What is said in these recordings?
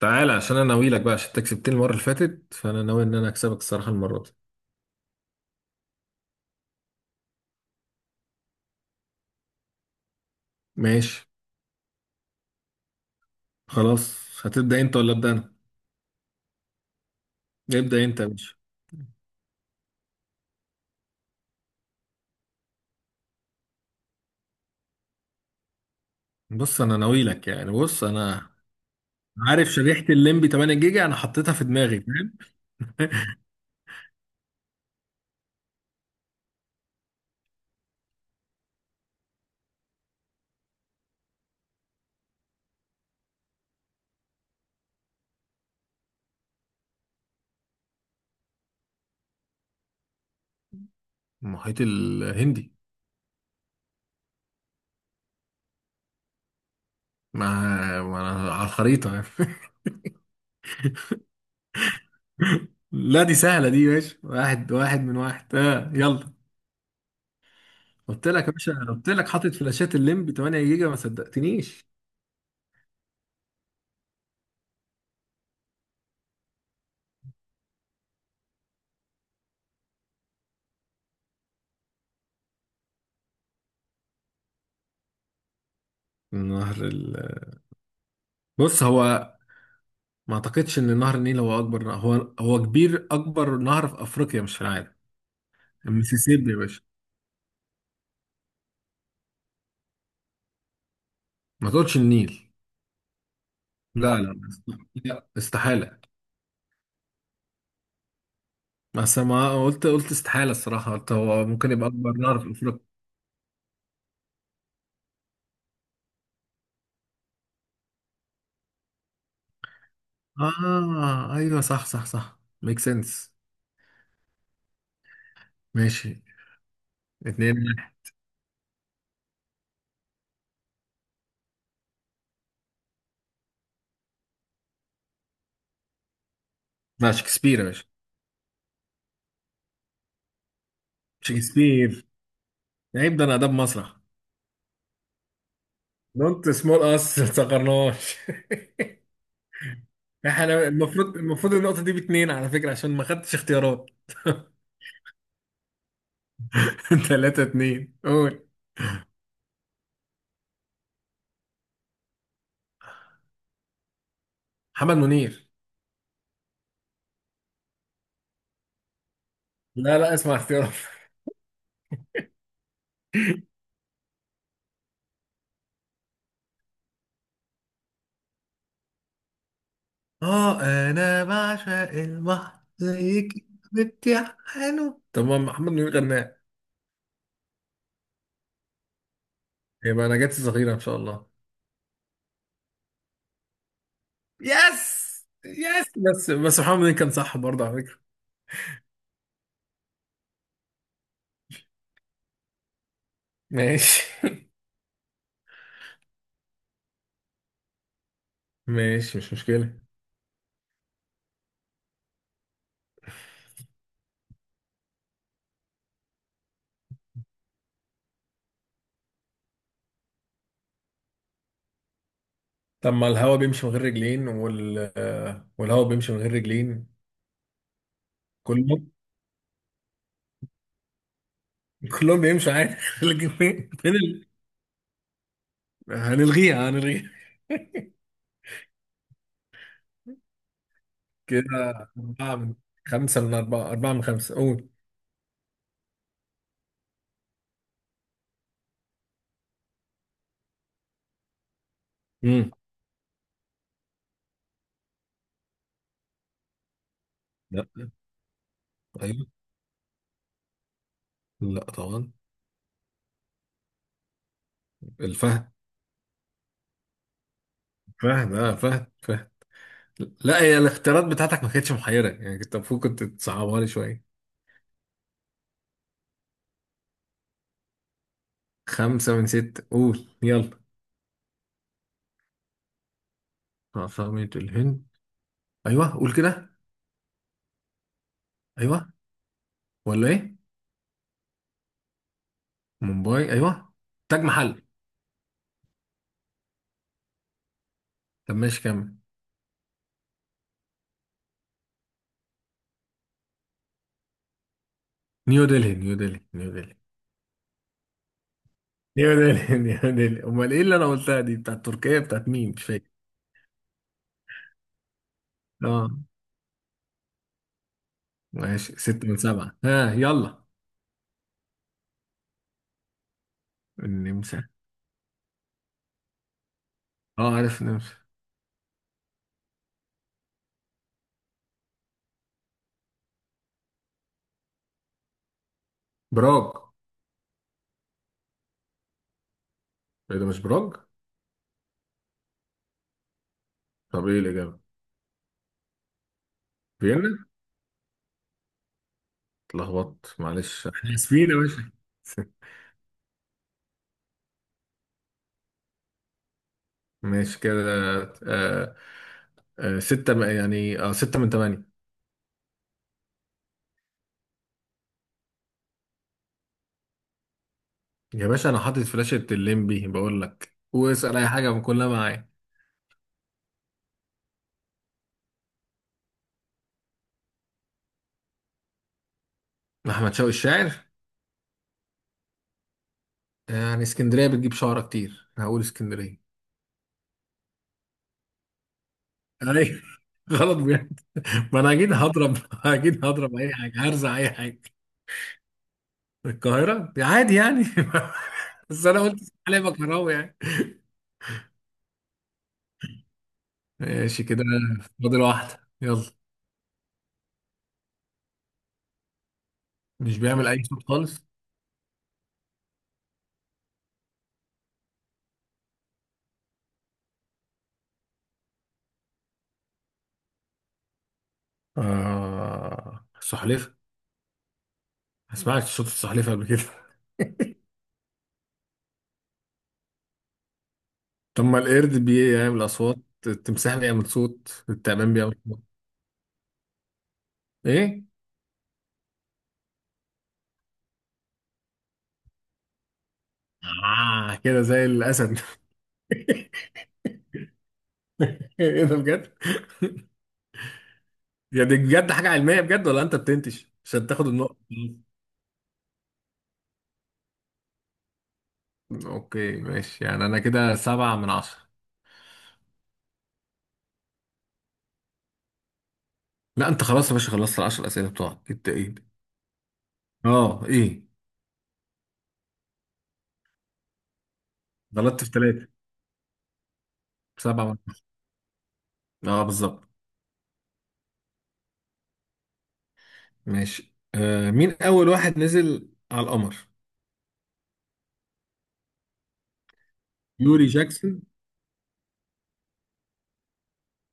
تعالى عشان انا ناوي لك بقى، عشان انت كسبتني المره اللي فاتت، فانا ناوي ان انا اكسبك الصراحه المره دي. ماشي، خلاص. هتبدا انت ولا ابدا انا؟ ابدا انت يا باشا. بص انا ناوي لك يعني، بص انا عارف شريحه الليمبي 8 جيجا انا حطيتها في دماغي، فاهم؟ المحيط الهندي. مع على الخريطه يعني. لا دي سهله دي يا باشا، واحد واحد من واحد، آه يلا. قلت لك يا باشا، قلت لك حاطط فلاشات الليمبي 8 جيجا، ما صدقتنيش. نهر ال... بص، هو ما اعتقدش ان نهر النيل هو اكبر نهر. هو كبير، اكبر نهر في افريقيا مش في العالم. المسيسيبي يا باشا. ما تقولش النيل. لا، لا، لا، استحالة. بس ما قلت استحالة الصراحة، قلت هو ممكن يبقى اكبر نهر في افريقيا. اه، ايوه، صح صح صح، ميك سنس. ماشي. 2-1. لا، شكسبير يا باشا. شكسبير. عيب، ده انا اداب مسرح. دونت سمول اس، ما تصغرناش. احنا المفروض النقطة دي باتنين على فكرة، عشان ما خدتش اختيارات. 3 2 قول. محمد منير. لا، لا، اسمع اختيارات. اه، انا بعشق البحر زيك. بتحنه، طب ما محمد منير غناه. يبقى انا جت صغيرة ان شاء الله. يس، يس، بس محمد منير كان صح برضه على فكرة. ماشي. ماشي، مش مشكلة. طب ما الهوا بيمشي من غير رجلين، والهوا بيمشي من غير رجلين. كلهم. كلهم بيمشوا عادي. لكن فين هنلغيها، هنلغيها. كده. أربعة من خمسة، قول. امم لا. ايوه. لا طبعا. الفهد. فهد، اه، فهد فهد. لا، هي الاختيارات بتاعتك ما كانتش محيرة يعني، كنت المفروض كنت تصعبها لي شوية. خمسة من ستة، قول يلا. عاصمة الهند. ايوه، قول كده. ايوه، ولا ايه؟ مومباي، ايوه. تاج محل. طب ماشي، كمل. نيو دلهي، نيو دلهي، نيو دلهي. نيو دلهي. نيو دلهي. امال ايه اللي انا قلتها دي، بتاعت تركيا، بتاعت مين مش فاكر. اه. ماشي، ستة من سبعة، ها يلا. النمسا. اه، عارف النمسا. براج. ايه ده، مش براج؟ طب ايه الإجابة؟ فيينا. اتلخبطت، معلش، احنا اسفين يا باشا. س- ماشي كده. آه. آه، يعني، ستة من تمانية. يا باشا، أنا حاطط فلاشة الليمبي، بقول لك واسأل أي حاجة من كلها معايا. أحمد شوقي الشاعر. يعني اسكندرية بتجيب شعرة كتير، أنا هقول اسكندرية. أيوة، غلط بجد. ما أنا أكيد هضرب، أكيد هضرب أي حاجة، هرزع أي حاجة. من القاهرة عادي يعني. بس أنا قلت علي بكراوي يعني. ماشي كده. فاضل واحدة، يلا. مش بيعمل أي صوت خالص. آه، السلحفاة. ما سمعتش صوت السلحفاة قبل كده. طب ما القرد بيعمل أصوات، التمساح بيعمل صوت، التعبان بيعمل صوت. إيه؟ آه، كده زي الأسد. إيه ده، بجد؟ يعني دي بجد حاجة علمية بجد، ولا أنت بتنتش عشان تاخد النقطة؟ اوكي، ماشي، يعني انا كده سبعة من عشرة. لا انت خلاص يا باشا، خلصت العشر اسئله بتوعك، انت ايه؟ اه، ايه. غلطت في ثلاثة. 7-1. اه، بالظبط. ماشي. مين أول واحد نزل على القمر؟ يوري جاكسون.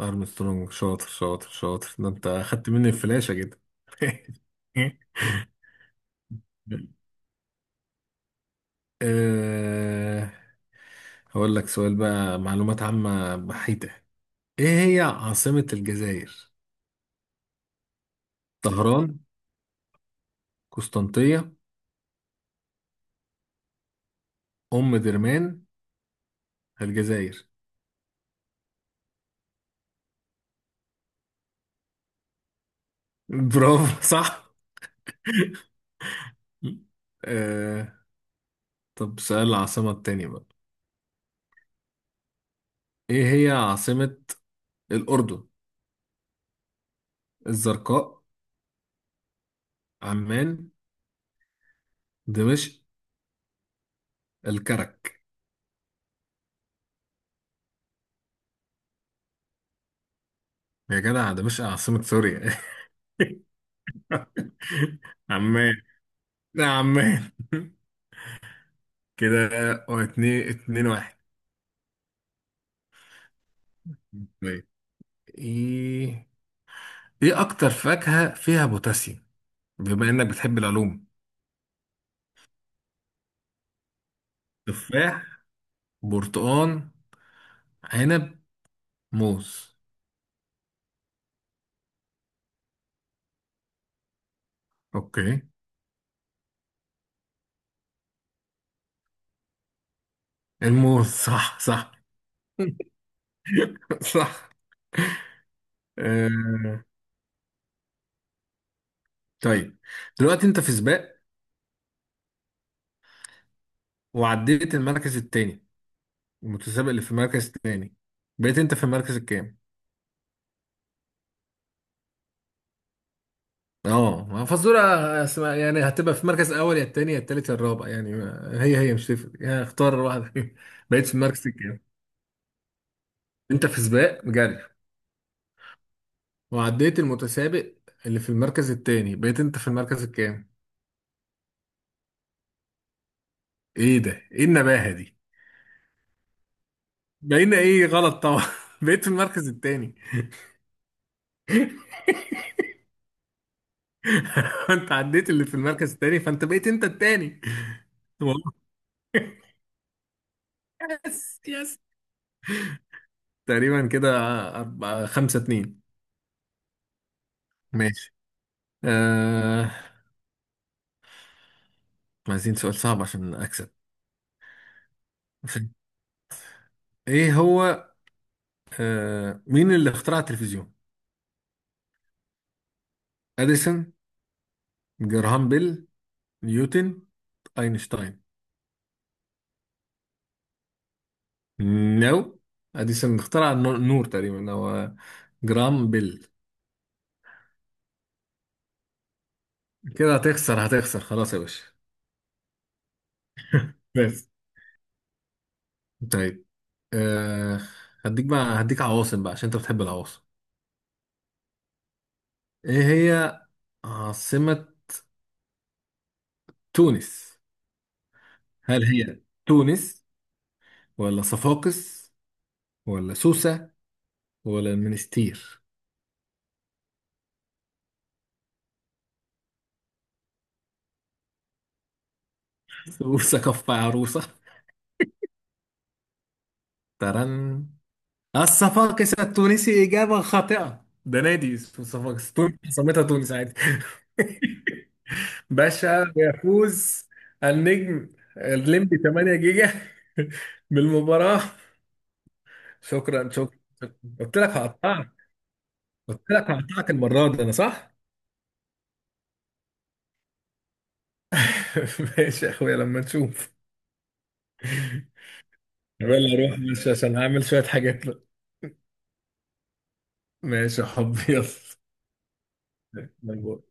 أرمسترونج، شاطر شاطر شاطر، ده أنت أخدت مني الفلاشة كده. آه. هقول لك سؤال بقى معلومات عامة بحيتة. إيه هي عاصمة الجزائر؟ طهران، قسنطينة، أم درمان، الجزائر. برافو، صح. آه. طب، سؤال العاصمة التانية بقى. ايه هي عاصمة الأردن؟ الزرقاء، عمان، دمشق، الكرك. يا جدع، دمشق عاصمة سوريا. عمان، لا عمان. كده. اتنين واحد. طيب، ايه ايه أكتر فاكهة فيها بوتاسيوم؟ بما إنك بتحب العلوم. تفاح، برتقان، عنب، موز. اوكي، الموز، صح صح. صح. آه، طيب. دلوقتي انت في سباق، وعديت المركز التاني، المتسابق اللي في المركز التاني، بقيت انت في المركز الكام؟ اه، ما فزورة اسمها، يعني هتبقى في المركز الاول يا التاني يا التالت يا الرابع، يعني هي مش تفرق، يعني اختار واحدة فيهم. بقيت في المركز الكام؟ انت في سباق جري، وعديت المتسابق اللي في المركز التاني، بقيت انت في المركز الكام؟ ايه ده، ايه النباهة دي؟ بقينا ايه، غلط طبعا. بقيت في المركز التاني. انت عديت اللي في المركز التاني، فانت بقيت انت التاني. والله. يس، يس. تقريبا كده. أربعة، خمسة اتنين. ماشي. آه. عايزين سؤال صعب عشان أكسب. إيه هو؟ مين اللي اخترع التلفزيون؟ أديسون، جراهام بيل، نيوتن، أينشتاين. نو. أديسون اخترع النور تقريبا، هو جراهام بيل. كده هتخسر، هتخسر خلاص يا باشا. بس. طيب. آه. هديك عواصم بقى، عشان أنت بتحب العواصم. إيه هي عاصمة تونس؟ هل هي تونس، ولا صفاقس، ولا سوسة، ولا المنستير؟ سوسة كف عروسة. ترن. الصفاقس التونسي، إجابة خاطئة، ده نادي اسمه صفاقس، تونس سميتها تونس عادي. باشا يفوز، النجم الليمبي 8 جيجا بالمباراة. شكرا شكرا شكرا. قلت لك هقطعك. قلت لك هقطعك المرة دي، أنا صح؟ ماشي يا أخويا، لما نشوف. ولا اروح، بس عشان هعمل شوية حاجات بقى. ماشي يا حبي. يلا.